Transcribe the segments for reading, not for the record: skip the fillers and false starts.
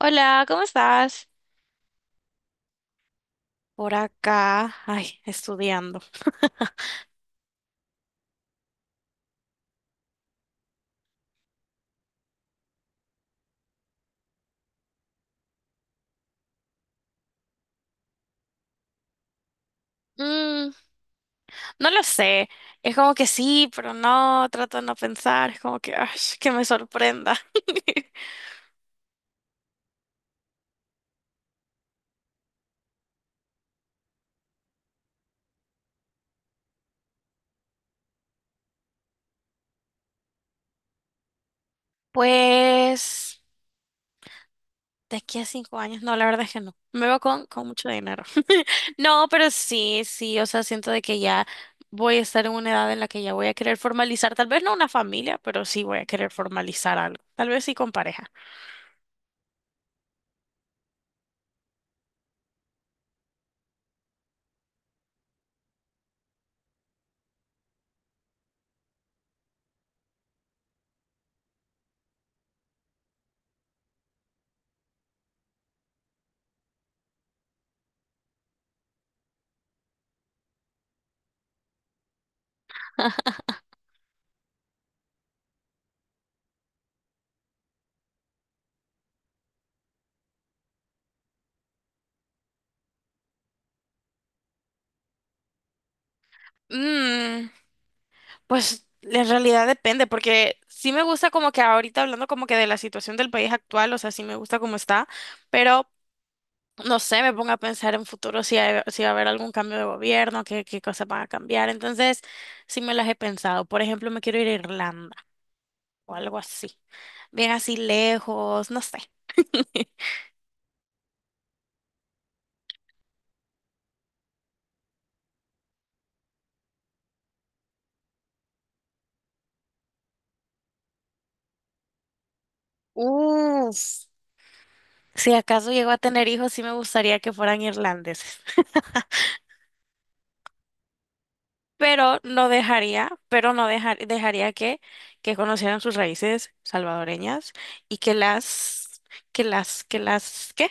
Hola, ¿cómo estás? Por acá, ay, estudiando. Mm, no lo sé. Es como que sí, pero no, trato de no pensar. Es como que, ay, que me sorprenda. Pues. De aquí a 5 años, no, la verdad es que no. Me veo con mucho dinero. No, pero sí, sí, o sea, siento de que ya voy a estar en una edad en la que ya voy a querer formalizar, tal vez no una familia, pero sí voy a querer formalizar algo. Tal vez sí con pareja. Mm, Pues en realidad depende, porque sí me gusta como que ahorita hablando como que de la situación del país actual, o sea, sí me gusta cómo está, pero no sé, me pongo a pensar en futuro si, si va a haber algún cambio de gobierno, qué, qué cosas van a cambiar. Entonces, sí me las he pensado. Por ejemplo, me quiero ir a Irlanda o algo así. Bien así lejos, no sé. Uf. Si acaso llego a tener hijos, sí me gustaría que fueran irlandeses. Pero no dejaría, pero no dejar- dejaría que conocieran sus raíces salvadoreñas y que las, ¿qué?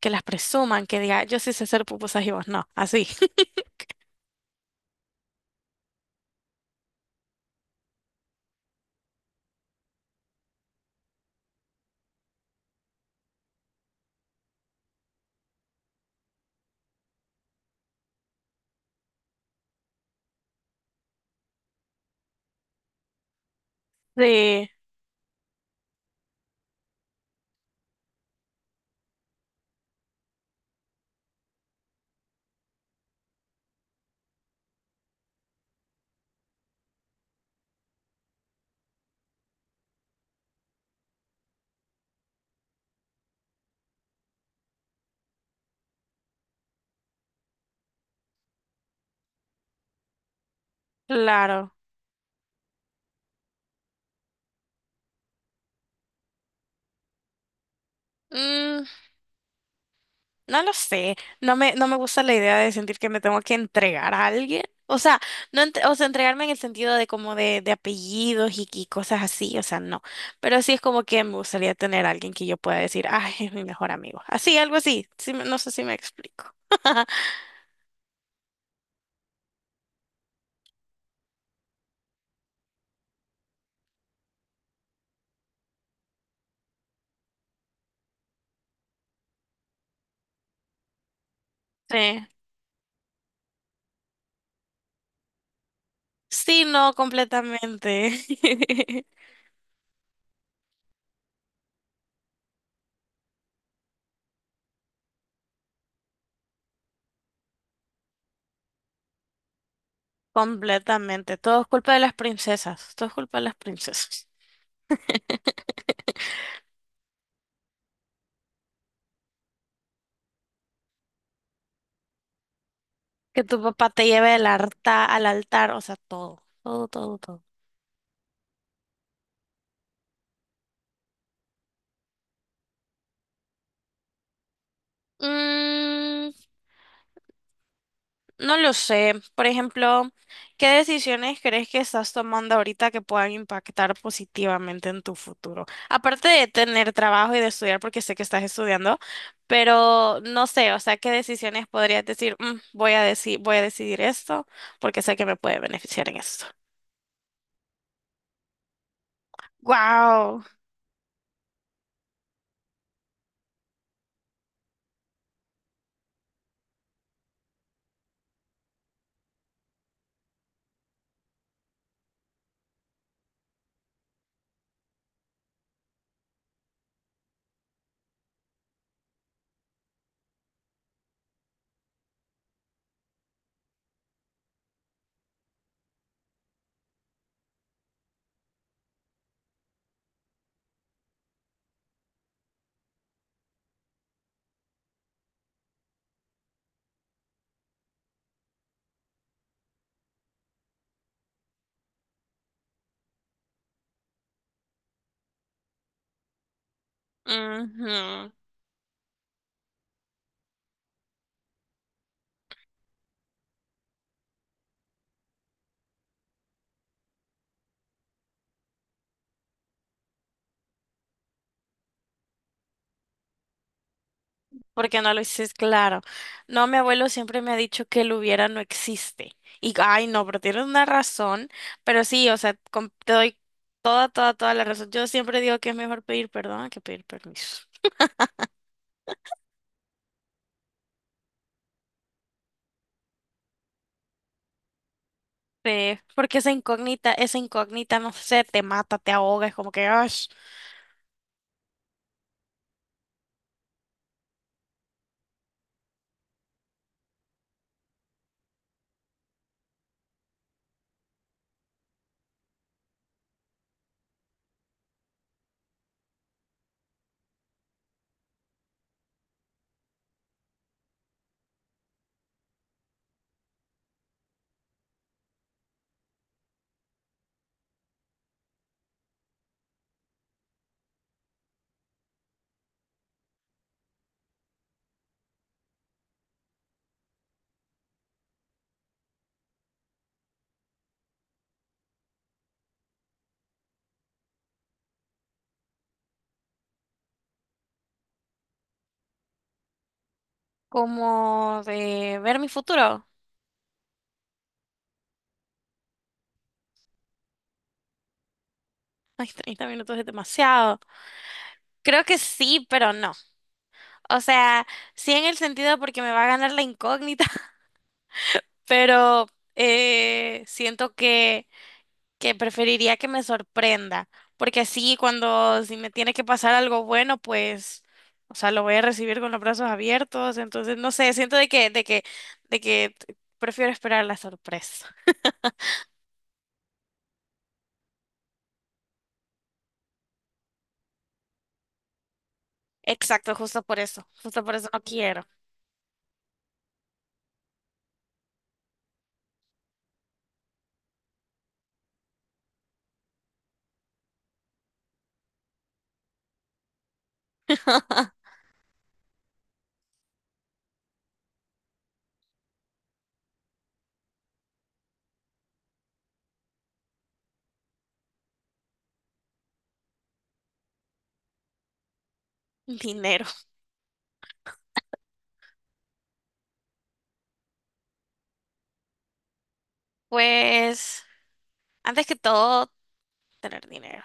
Que las presuman, que diga, yo sí sé hacer pupusas y vos no, así. Sí, claro. Mm, no lo sé, no me gusta la idea de sentir que me tengo que entregar a alguien. O sea, no ent- o sea, entregarme en el sentido de como de apellidos y cosas así, o sea, no. Pero sí es como que me gustaría tener a alguien que yo pueda decir, ay, es mi mejor amigo. Así, algo así. No sé si me explico. Sí. Sí, no, completamente. Completamente. Todo es culpa de las princesas. Todo es culpa de las princesas. Que tu papá te lleve al altar, o sea, todo, todo, todo, todo. Mm, no lo sé. Por ejemplo, ¿qué decisiones crees que estás tomando ahorita que puedan impactar positivamente en tu futuro? Aparte de tener trabajo y de estudiar, porque sé que estás estudiando, pero no sé, o sea, ¿qué decisiones podrías decir? "Mm, voy a decidir esto porque sé que me puede beneficiar en esto. Wow. Porque no lo dices claro. No, mi abuelo siempre me ha dicho que el hubiera no existe. Y, ay, no, pero tienes una razón. Pero sí, o sea, te doy toda, toda, toda la razón. Yo siempre digo que es mejor pedir perdón que pedir permiso. Sí, porque esa incógnita, no sé, te mata, te ahoga, es como que, ay, como de ver mi futuro. Ay, 30 minutos es demasiado. Creo que sí, pero no. O sea, sí en el sentido porque me va a ganar la incógnita. Pero siento que preferiría que me sorprenda, porque así cuando si me tiene que pasar algo bueno, pues, o sea, lo voy a recibir con los brazos abiertos, entonces no sé, siento de que prefiero esperar la sorpresa. Exacto, justo por eso no quiero dinero. Pues, antes que todo, tener dinero.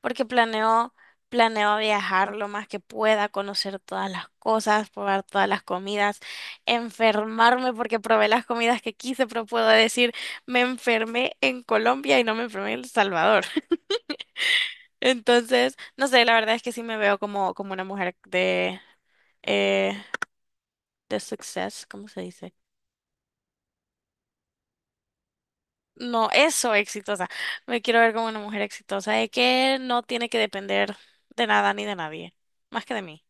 Porque planeo, planeo viajar lo más que pueda, conocer todas las cosas, probar todas las comidas, enfermarme porque probé las comidas que quise, pero puedo decir, me enfermé en Colombia y no me enfermé en El Salvador. Entonces, no sé, la verdad es que sí me veo como, como una mujer eh, de success, ¿cómo se dice? No, eso, exitosa. Me quiero ver como una mujer exitosa, de que no tiene que depender de nada ni de nadie, más que de mí.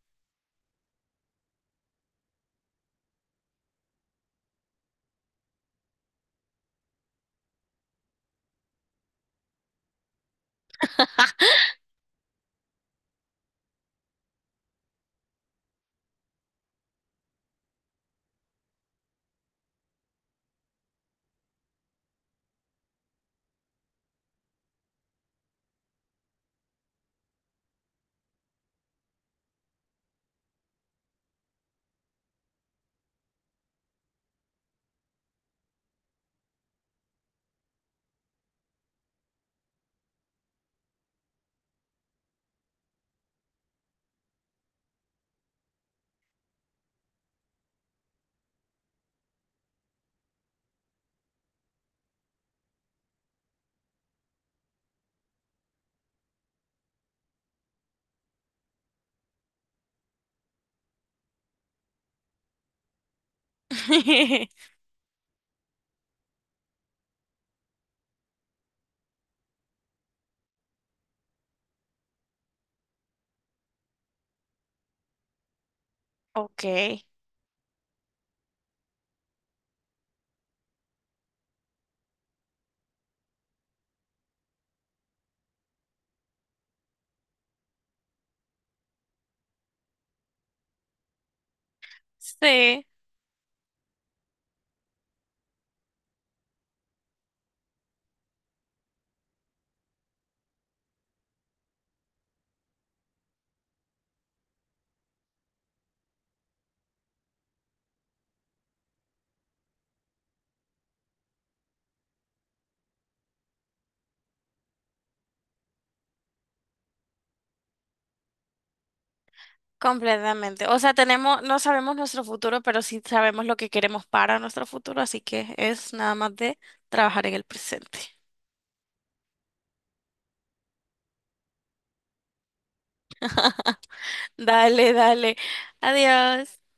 Ok. Sí, completamente. O sea, tenemos, no sabemos nuestro futuro, pero sí sabemos lo que queremos para nuestro futuro, así que es nada más de trabajar en el presente. Dale, dale. Adiós.